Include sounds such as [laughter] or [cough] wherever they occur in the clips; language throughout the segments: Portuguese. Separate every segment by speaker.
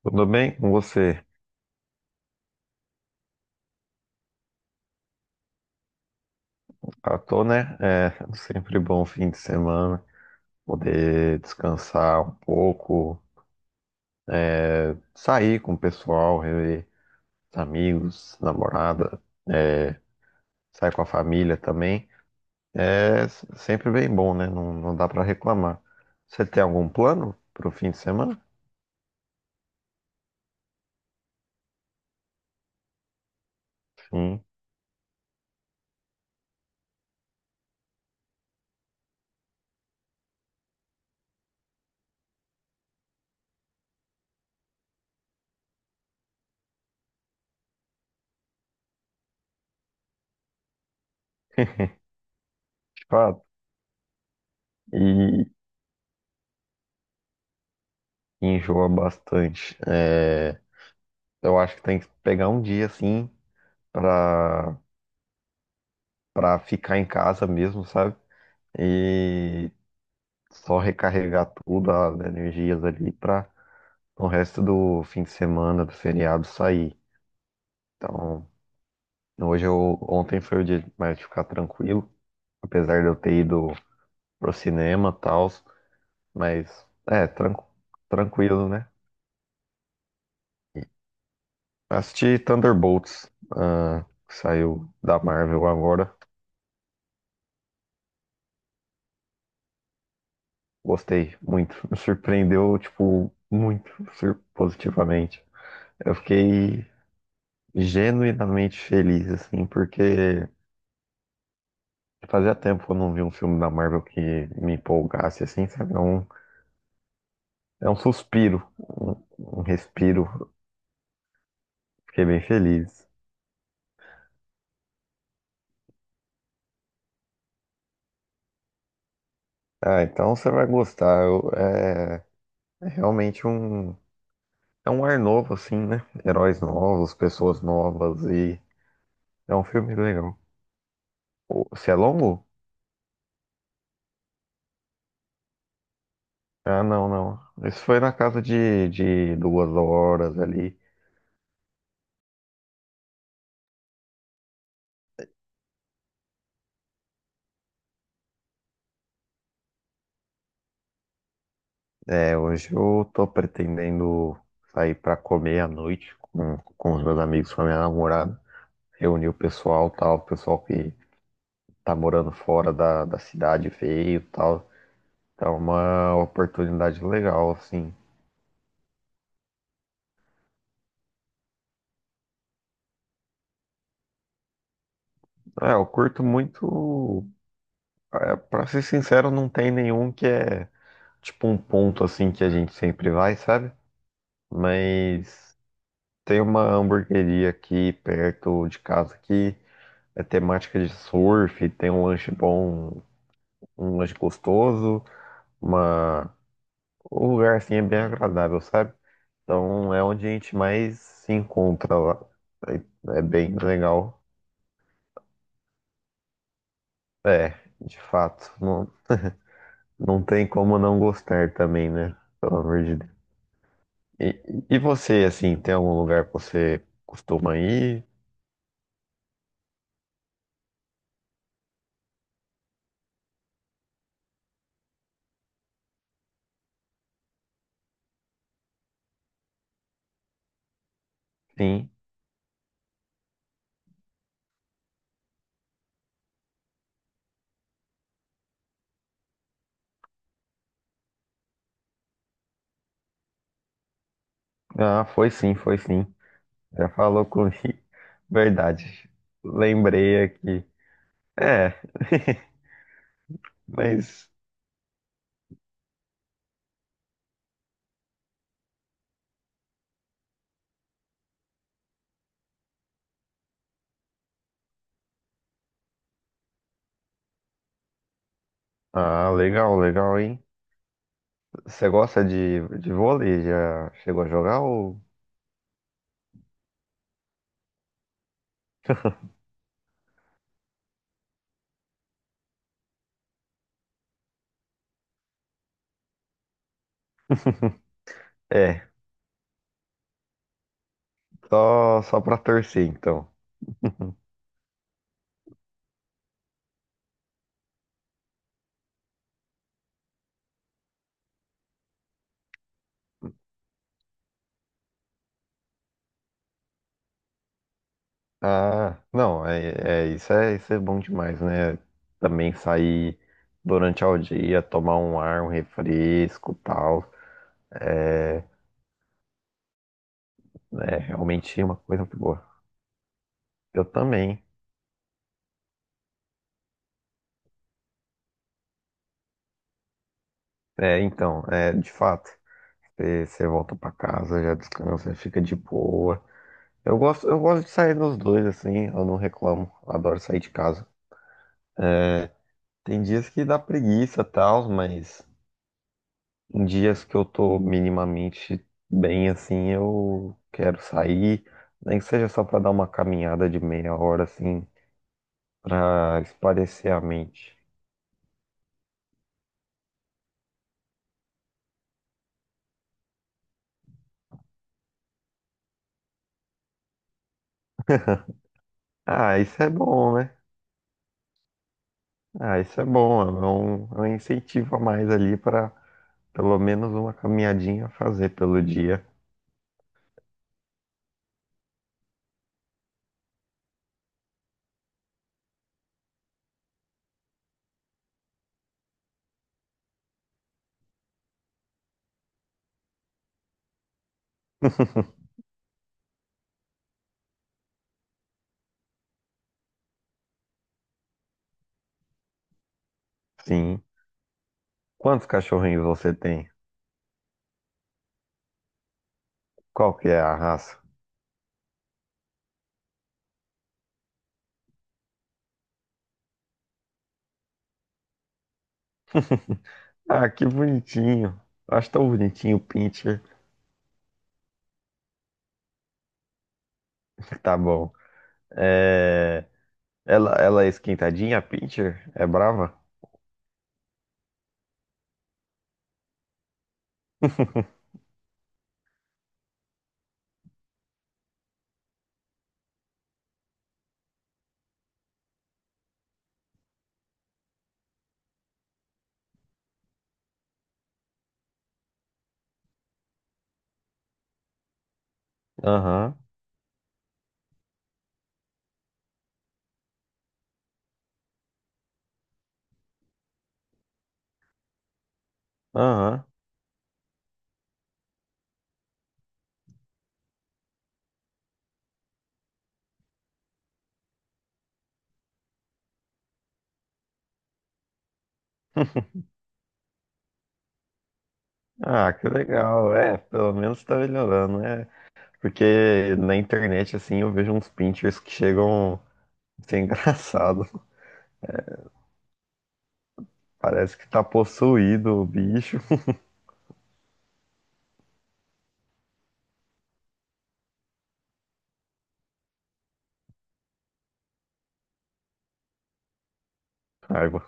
Speaker 1: Tudo bem com você? Ah, tô, né? É sempre bom fim de semana, poder descansar um pouco, sair com o pessoal, rever os amigos, namorada, sair com a família também. É sempre bem bom, né? Não, não dá pra reclamar. Você tem algum plano pro fim de semana? Sim. [laughs] De fato. E enjoa bastante. É, eu acho que tem que pegar um dia assim. Pra pra ficar em casa mesmo, sabe? E só recarregar tudo, as energias ali pra o resto do fim de semana, do feriado sair. Então, ontem foi o dia mais de ficar tranquilo, apesar de eu ter ido pro cinema e tal, mas é, tranquilo, né? Assisti Thunderbolts, ah, que saiu da Marvel agora. Gostei muito. [laughs] Me surpreendeu, tipo, muito positivamente. Eu fiquei genuinamente feliz, assim, porque fazia tempo que eu não vi um filme da Marvel que me empolgasse, assim, sabe? É um suspiro, um respiro. Fiquei bem feliz. Ah, então você vai gostar. É realmente é um ar novo, assim, né? Heróis novos, pessoas novas e é um filme legal. Se é longo? Ah, não, não. Isso foi na casa de duas horas ali. É, hoje eu tô pretendendo sair pra comer à noite com os meus amigos, com a minha namorada, reunir o pessoal, tal, o pessoal que tá morando fora da cidade veio, tal. Então é uma oportunidade legal, assim. É, eu curto muito, é, pra ser sincero, não tem nenhum que é tipo um ponto assim que a gente sempre vai, sabe? Mas tem uma hamburgueria aqui perto de casa que é temática de surf, tem um lanche bom, um lanche gostoso, uma... o lugar assim é bem agradável, sabe? Então é onde a gente mais se encontra lá. É bem legal. É, de fato. Não, não tem como não gostar também, né? Pelo amor de Deus. E você, assim, tem algum lugar que você costuma ir? Sim. Ah, foi sim, foi sim. Já falou comigo. [laughs] Verdade. Lembrei aqui. É, [laughs] mas. Ah, legal, legal, hein? Você gosta de vôlei? Já chegou a jogar ou... [laughs] É, só, só pra torcer, então. [laughs] Ah, não, isso é bom demais, né? Também sair durante o dia, tomar um ar, um refresco, tal. É, é realmente é uma coisa muito boa. Eu também. É, então, é, de fato, você volta pra casa, já descansa, fica de boa. Eu gosto de sair nos dois, assim, eu não reclamo. Adoro sair de casa. É, tem dias que dá preguiça e tal, mas em dias que eu tô minimamente bem assim, eu quero sair, nem que seja só pra dar uma caminhada de meia hora assim, pra espairecer a mente. Ah, isso é bom, né? Ah, isso é bom, é um incentivo a mais ali pra pelo menos uma caminhadinha fazer pelo dia. Sim. Quantos cachorrinhos você tem? Qual que é a raça? Ah, que bonitinho. Acho tão bonitinho o pincher. Tá bom. É, ela é esquentadinha, a Pinscher? É brava? [laughs] Aham, aham. Ah, que legal. É, pelo menos tá melhorando, né? Porque na internet, assim, eu vejo uns pinchers que chegam a ser engraçado. [laughs] Parece que tá possuído o bicho. Raiva.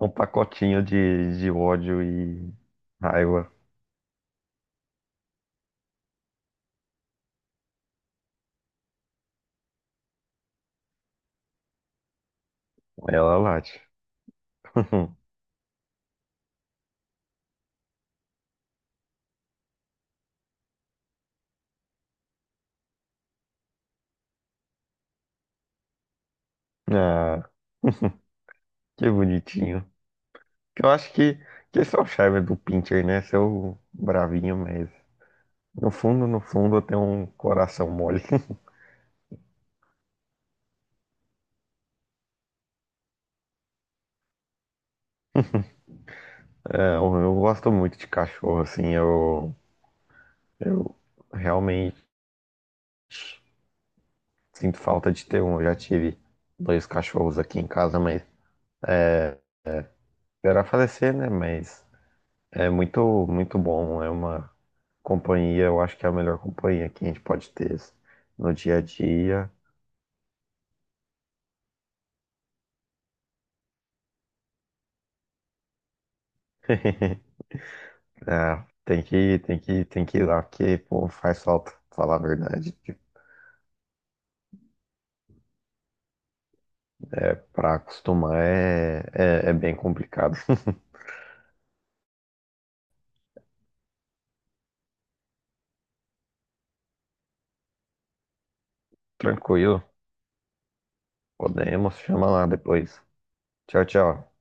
Speaker 1: É um pacotinho de ódio e raiva. Ela late. [laughs] Ah, que bonitinho. Eu acho que esse é o charme do pincher, né? Seu bravinho mesmo. No fundo, no fundo, eu tenho um coração mole. [laughs] É, eu gosto muito de cachorro, assim, eu realmente sinto falta de ter um. Eu já tive dois cachorros aqui em casa, mas esperar falecer, né? Mas é muito, muito bom, é uma companhia, eu acho que é a melhor companhia que a gente pode ter no dia a dia. [laughs] É, tem que ir lá, porque, pô, faz falta, falar a verdade. Tipo, é, pra acostumar é, é bem complicado. Tranquilo. Podemos. Chama lá depois. Tchau, tchau.